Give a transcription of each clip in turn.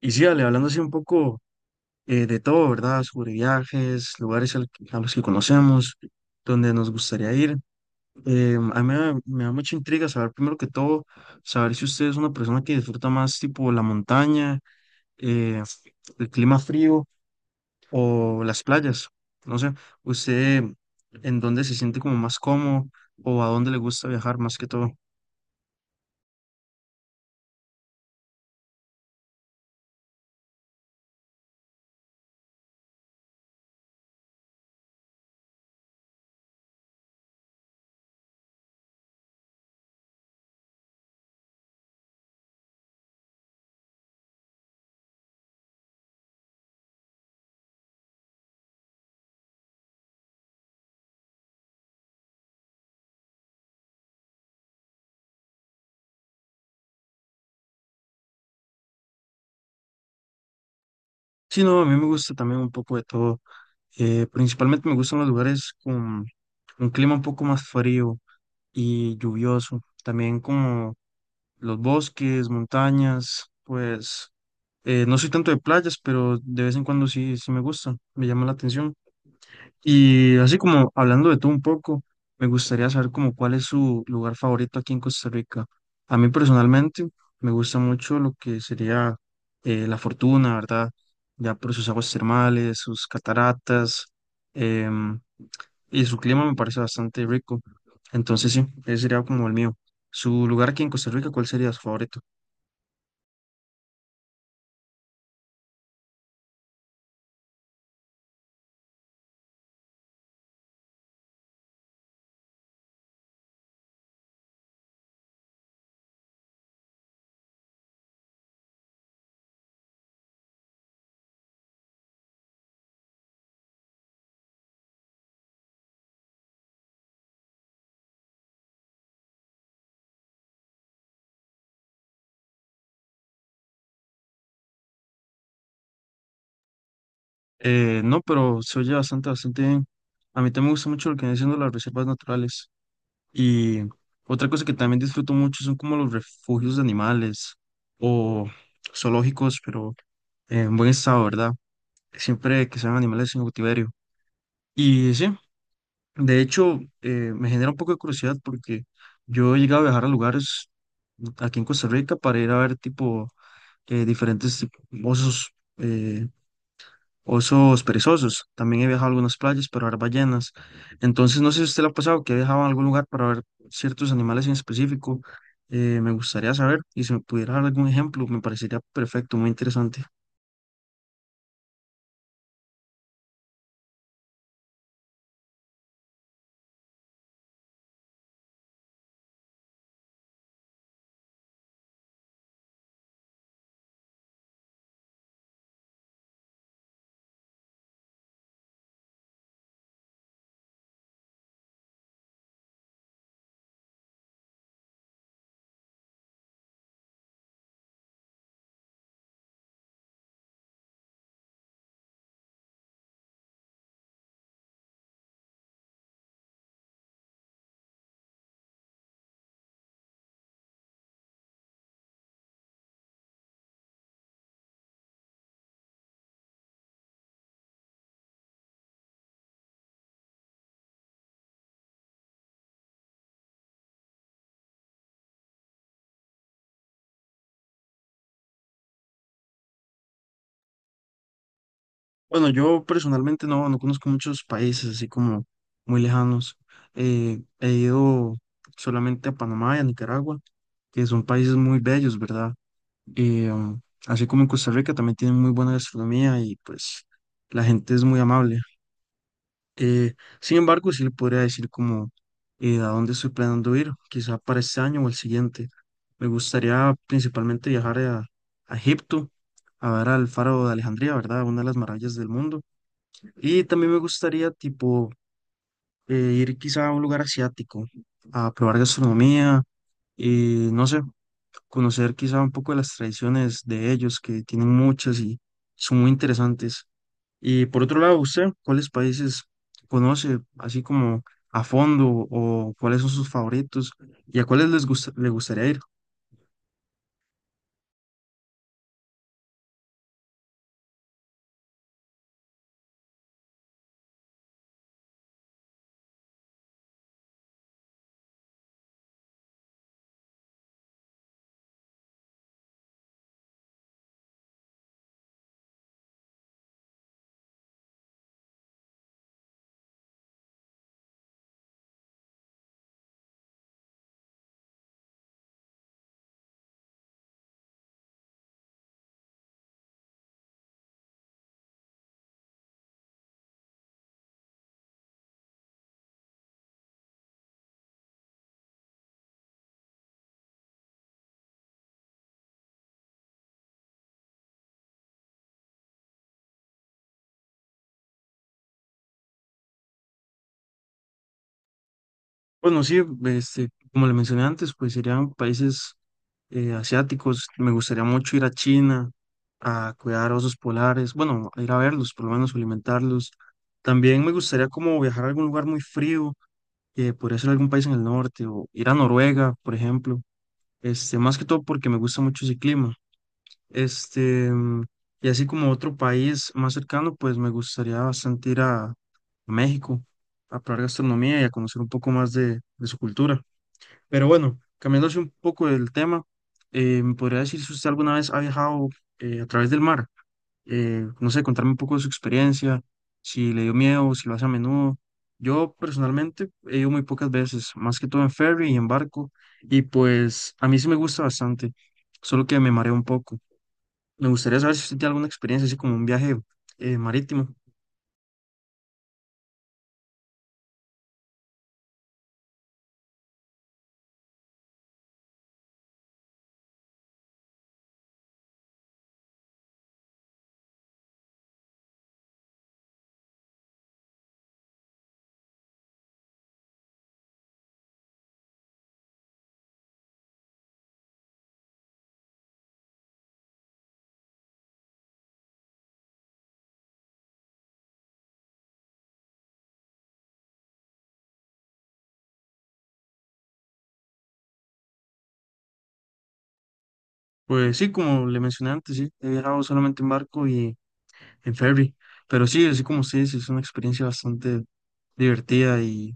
Y sí, Ale, hablando así un poco de todo, ¿verdad? Sobre viajes, lugares al a los que conocemos, donde nos gustaría ir. A mí me da mucha intriga saber, primero que todo, saber si usted es una persona que disfruta más tipo la montaña, eh, el clima frío o las playas. No sé, usted en dónde se siente como más cómodo o a dónde le gusta viajar más que todo. Sí, no, a mí me gusta también un poco de todo. Principalmente me gustan los lugares con un clima un poco más frío y lluvioso. También como los bosques, montañas, pues no soy tanto de playas, pero de vez en cuando sí, sí me gusta, me llama la atención. Y así como hablando de todo un poco, me gustaría saber como cuál es su lugar favorito aquí en Costa Rica. A mí personalmente me gusta mucho lo que sería La Fortuna, ¿verdad? Ya por sus aguas termales, sus cataratas, em, y su clima me parece bastante rico. Entonces sí, ese sería como el mío. ¿Su lugar aquí en Costa Rica, cuál sería su favorito? No, pero se oye bastante, bastante bien. A mí también me gusta mucho lo que vienen siendo las reservas naturales. Y otra cosa que también disfruto mucho son como los refugios de animales o zoológicos, pero en buen estado, ¿verdad? Siempre que sean animales en cautiverio. Y sí, de hecho, me genera un poco de curiosidad porque yo he llegado a viajar a lugares aquí en Costa Rica para ir a ver tipo eh, diferentes tip- osos. eh, Osos perezosos. También he viajado a algunas playas para ver ballenas. Entonces, no sé si a usted le ha pasado que ha viajado a algún lugar para ver ciertos animales en específico. Me gustaría saber y si me pudiera dar algún ejemplo, me parecería perfecto, muy interesante. Bueno, yo personalmente no, no conozco muchos países así como muy lejanos. He ido solamente a Panamá y a Nicaragua, que son países muy bellos, ¿verdad? Eh, um, Así como en Costa Rica también tienen muy buena gastronomía y pues la gente es muy amable. Eh, Sin embargo, sí le podría decir como a dónde estoy planeando ir, quizá para este año o el siguiente. Me gustaría principalmente viajar a Egipto, a ver al faro de Alejandría, ¿verdad? Una de las maravillas del mundo. Y también me gustaría, tipo, eh, ir quizá a un lugar asiático, a probar gastronomía, y no sé, conocer quizá un poco de las tradiciones de ellos, que tienen muchas y son muy interesantes. Y por otro lado, ¿usted cuáles países conoce así como a fondo o cuáles son sus favoritos y a cuáles les gusta, le gustaría ir? Bueno, sí, este, como le mencioné antes, pues serían países asiáticos. Me gustaría mucho ir a China a cuidar osos polares, bueno, a ir a verlos, por lo menos alimentarlos. También me gustaría como viajar a algún lugar muy frío, podría ser algún país en el norte o ir a Noruega, por ejemplo. Este, más que todo porque me gusta mucho ese clima. Este, mm, y así como otro país más cercano, pues me gustaría bastante ir a México a probar gastronomía y a conocer un poco más de su cultura. Pero bueno, cambiándose un poco del tema, ¿me podría decir si usted alguna vez ha viajado a través del mar? No sé, contarme un poco de su experiencia, si le dio miedo, si lo hace a menudo. Yo personalmente he ido muy pocas veces, más que todo en ferry y en barco, y pues a mí sí me gusta bastante, solo que me mareo un poco. Me gustaría saber si usted tiene alguna experiencia así como un viaje marítimo. Pues sí, como le mencioné antes, sí, he viajado solamente en barco y en ferry, pero sí, así como usted dice, es una experiencia bastante divertida y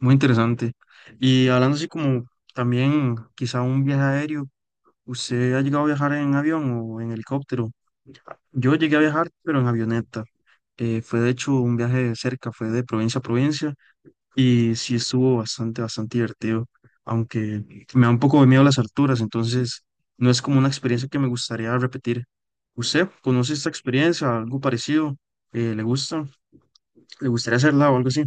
muy interesante. Y hablando así como también quizá un viaje aéreo, ¿usted ha llegado a viajar en avión o en helicóptero? Yo llegué a viajar, pero en avioneta. Fue de hecho un viaje de cerca, fue de provincia a provincia. Y sí estuvo bastante, bastante divertido, aunque me da un poco de miedo las alturas, entonces no es como una experiencia que me gustaría repetir. ¿Usted conoce esta experiencia, algo parecido? ¿Le gusta? ¿Le gustaría hacerla o algo así?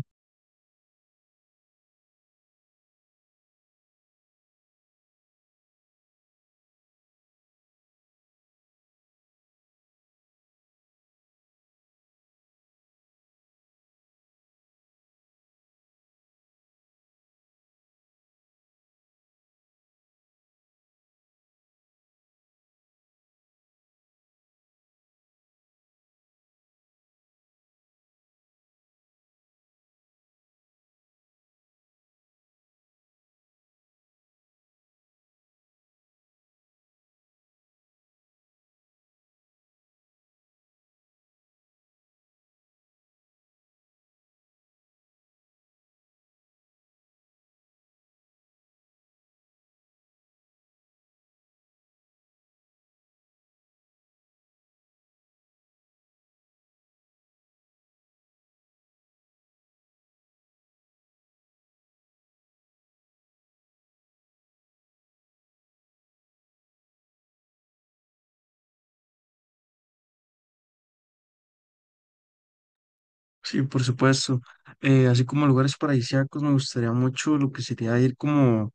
Sí, por supuesto. Así como lugares paradisíacos, me gustaría mucho lo que sería ir como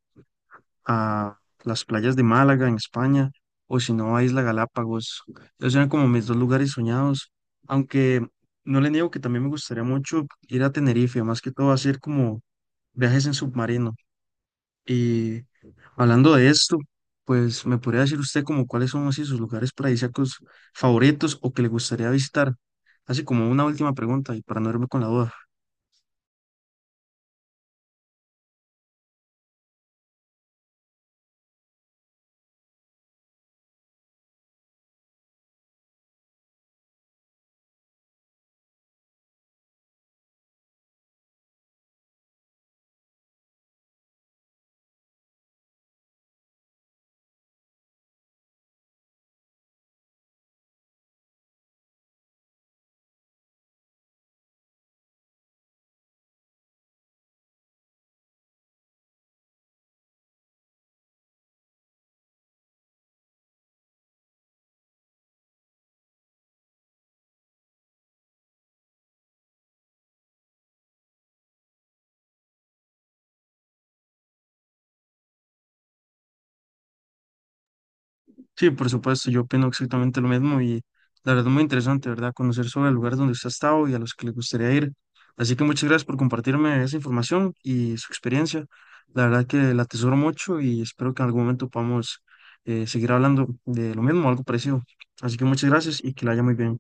a las playas de Málaga en España o si no a Isla Galápagos. Esos eran como mis dos lugares soñados, aunque no le niego que también me gustaría mucho ir a Tenerife, más que todo hacer como viajes en submarino. Y hablando de esto, pues me podría decir usted como cuáles son así sus lugares paradisíacos favoritos o que le gustaría visitar. Así como una última pregunta y para no irme con la duda. Sí, por supuesto, yo opino exactamente lo mismo y la verdad es muy interesante, ¿verdad? Conocer sobre el lugar donde usted ha estado y a los que le gustaría ir. Así que muchas gracias por compartirme esa información y su experiencia. La verdad que la atesoro mucho y espero que en algún momento podamos seguir hablando de lo mismo, algo parecido. Así que muchas gracias y que la haya muy bien.